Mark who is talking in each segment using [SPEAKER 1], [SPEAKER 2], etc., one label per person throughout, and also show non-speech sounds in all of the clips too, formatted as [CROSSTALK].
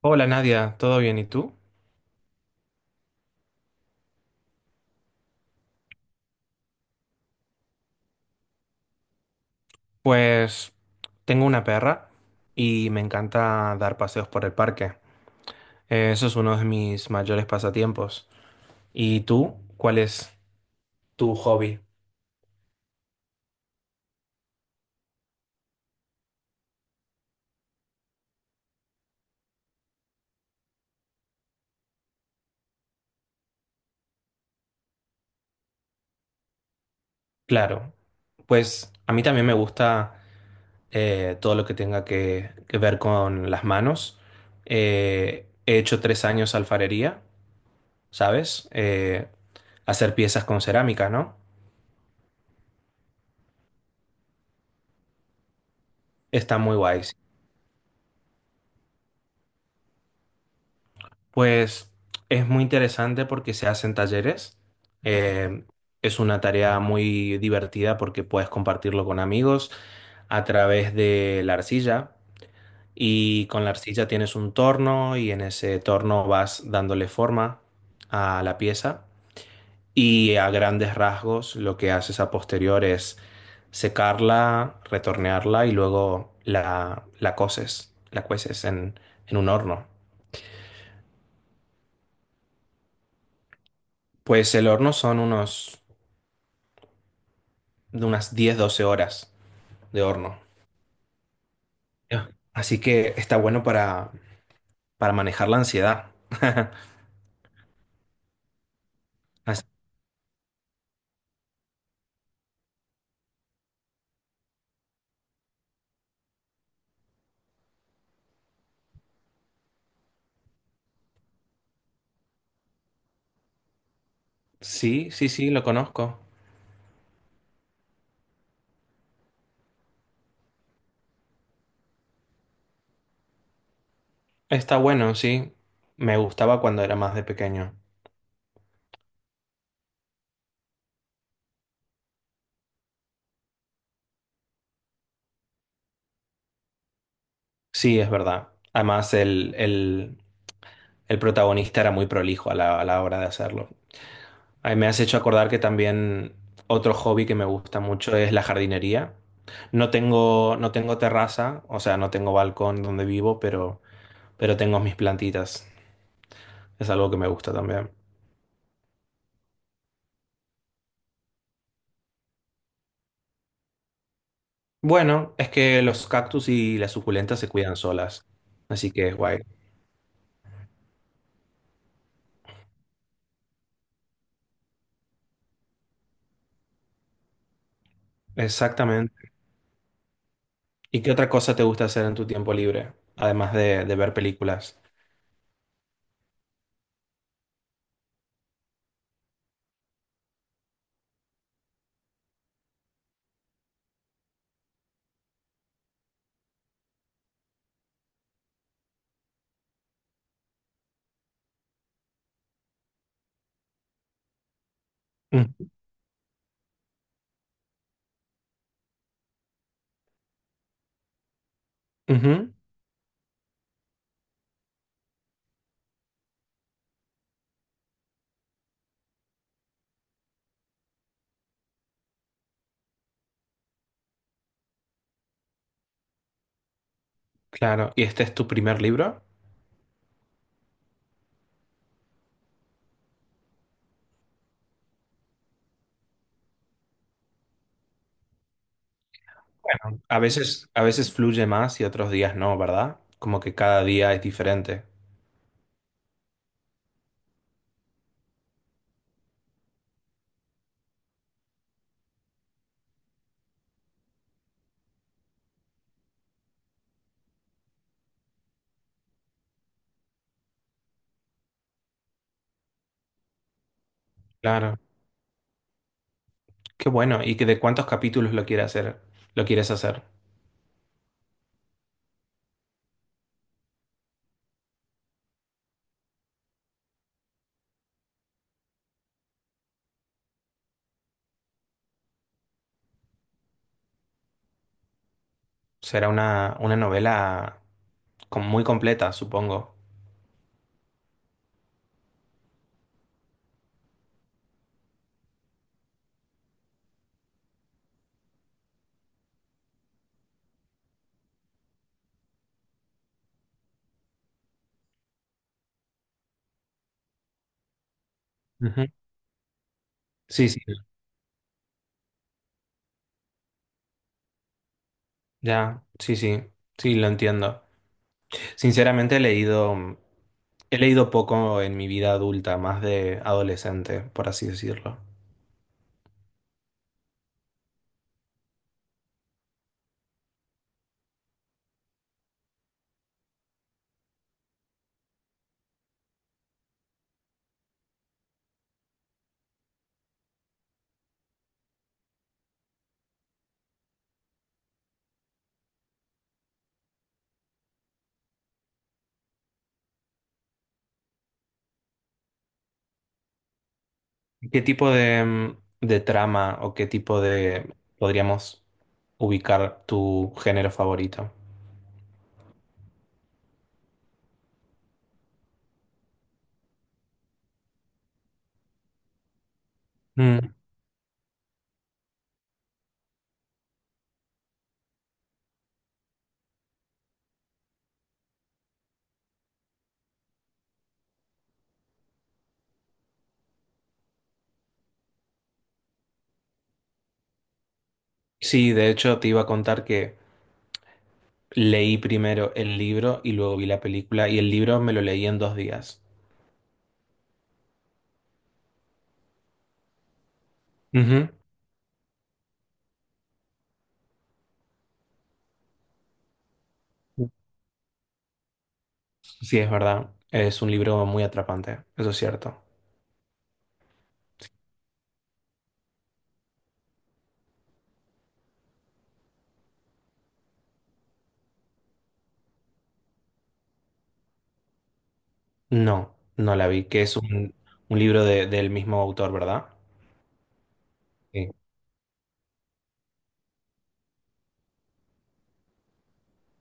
[SPEAKER 1] Hola Nadia, ¿todo bien? ¿Y tú? Pues tengo una perra y me encanta dar paseos por el parque. Eso es uno de mis mayores pasatiempos. ¿Y tú? ¿Cuál es tu hobby? Claro, pues a mí también me gusta todo lo que tenga que ver con las manos. He hecho 3 años alfarería, ¿sabes? Hacer piezas con cerámica, ¿no? Está muy guay. Sí. Pues es muy interesante porque se hacen talleres. Eh, es una tarea muy divertida porque puedes compartirlo con amigos a través de la arcilla. Y con la arcilla tienes un torno y en ese torno vas dándole forma a la pieza. Y a grandes rasgos lo que haces a posterior es secarla, retornearla y luego la cueces en un horno. Pues el horno son unos de unas 10 12 horas de horno. Ya. Así que está bueno para manejar la ansiedad. [LAUGHS] As- Sí, sí, sí, lo conozco. Está bueno, sí. Me gustaba cuando era más de pequeño. Sí, es verdad. Además, el protagonista era muy prolijo a la, hora de hacerlo. Ay, me has hecho acordar que también otro hobby que me gusta mucho es la jardinería. No tengo terraza, o sea, no tengo balcón donde vivo, pero tengo mis plantitas. Es algo que me gusta también. Bueno, es que los cactus y las suculentas se cuidan solas, así que es guay. Exactamente. ¿Y qué otra cosa te gusta hacer en tu tiempo libre, además de ver películas? Mm, ujú, claro. ¿Y este es tu primer libro? Bueno, a veces, fluye más y otros días no, ¿verdad? Como que cada día es diferente. Claro. Qué bueno. ¿Y que de cuántos capítulos lo quieres hacer? ¿Lo quieres hacer? Será una novela muy completa, supongo. Ujú. Sí, sí. Ya, sí, sí, sí, lo entiendo. Sinceramente he leído poco en mi vida adulta, más de adolescente, por así decirlo. ¿Qué tipo de trama o qué tipo de podríamos ubicar tu género favorito? Mm. Sí, de hecho te iba a contar que leí primero el libro y luego vi la película y el libro me lo leí en 2 días. Ujú. Sí, es verdad. Es un libro muy atrapante, eso es cierto. No, no la vi, que es un, libro del mismo autor, ¿verdad? Sí.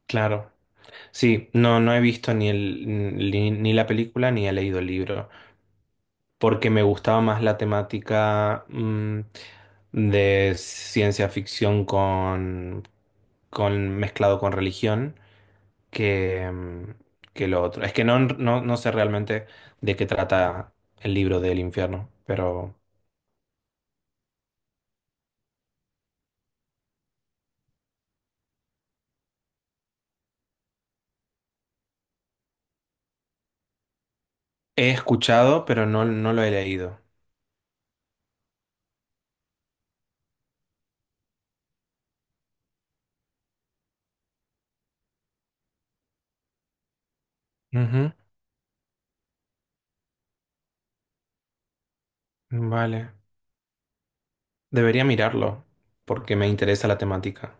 [SPEAKER 1] Claro. Sí, no, no he visto ni la película ni he leído el libro, porque me gustaba más la temática de ciencia ficción con mezclado con religión. que, mm, que lo otro. Es que no sé realmente de qué trata el libro del infierno, pero he escuchado, pero no lo he leído. Ujú. Vale. Debería mirarlo, porque me interesa la temática.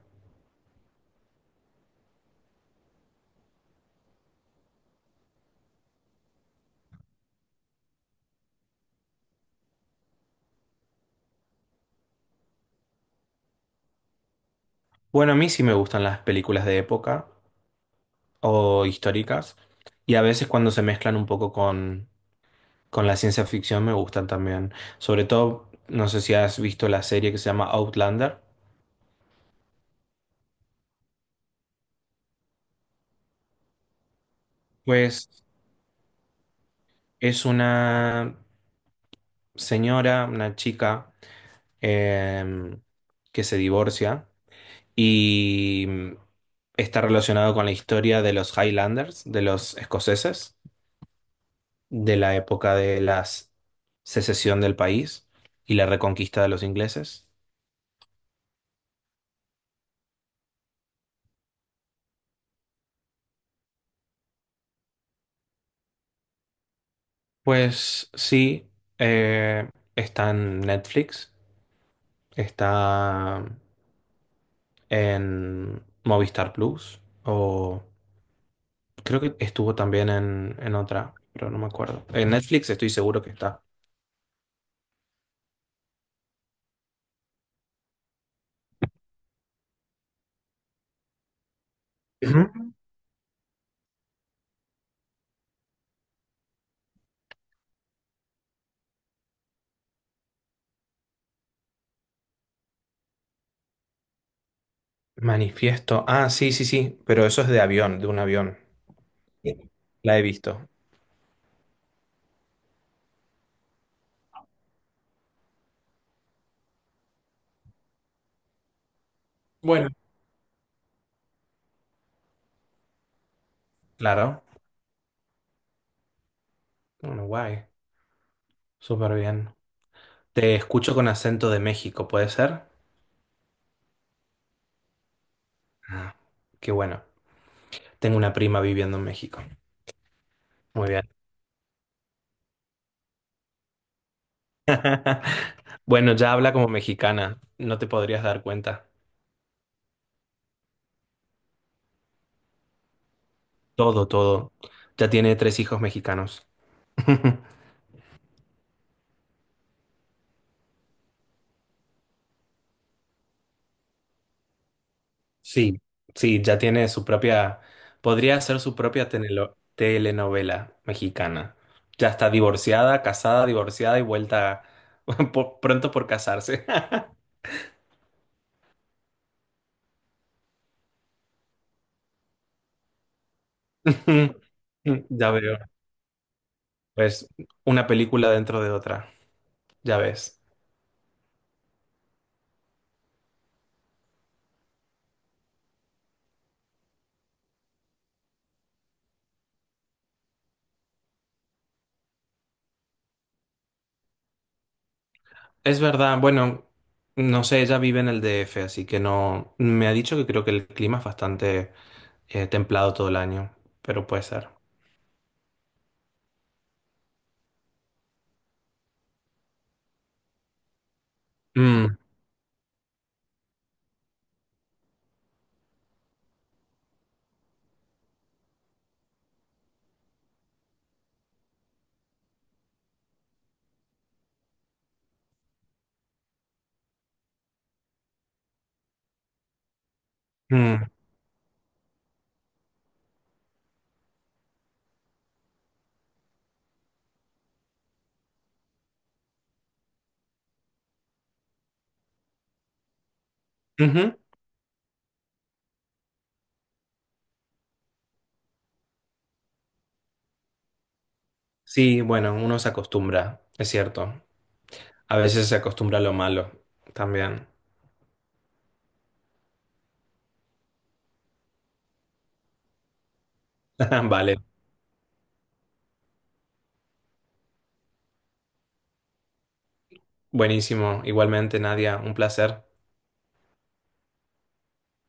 [SPEAKER 1] Bueno, a mí sí me gustan las películas de época o históricas, y a veces cuando se mezclan un poco con la ciencia ficción me gustan también. Sobre todo, no sé si has visto la serie que se llama Outlander. Pues es una señora, una chica eh, que se divorcia y está relacionado con la historia de los Highlanders, de los escoceses, de la época de la secesión del país y la reconquista de los ingleses. Pues sí, eh, está en Netflix, está en Movistar Plus o creo que estuvo también en otra, pero no me acuerdo. En Netflix estoy seguro que está. Ujú. Manifiesto. Ah, sí, sí, sí, pero eso es de avión, de un avión. Sí. La he visto. Bueno, claro. Bueno, guay. Súper bien. Te escucho con acento de México, ¿puede ser? Ah, qué bueno. Tengo una prima viviendo en México. Muy bien. [LAUGHS] Bueno, ya habla como mexicana. No te podrías dar cuenta. Todo, todo. Ya tiene 3 hijos mexicanos. [LAUGHS] Sí, sí, ya tiene su propia, podría ser su propia telenovela mexicana. Ya está divorciada, casada, divorciada y vuelta [LAUGHS] pronto por casarse. [LAUGHS] [LAUGHS] Ya veo. Pues una película dentro de otra, ya ves. Es verdad, bueno, no sé, ella vive en el DF, así que no, me ha dicho que creo que el clima es bastante templado todo el año, pero puede ser. Mm, mm, ujú. Sí, bueno, uno se acostumbra, es cierto. A veces se acostumbra a lo malo también. [LAUGHS] Vale, buenísimo. Igualmente, Nadia, un placer.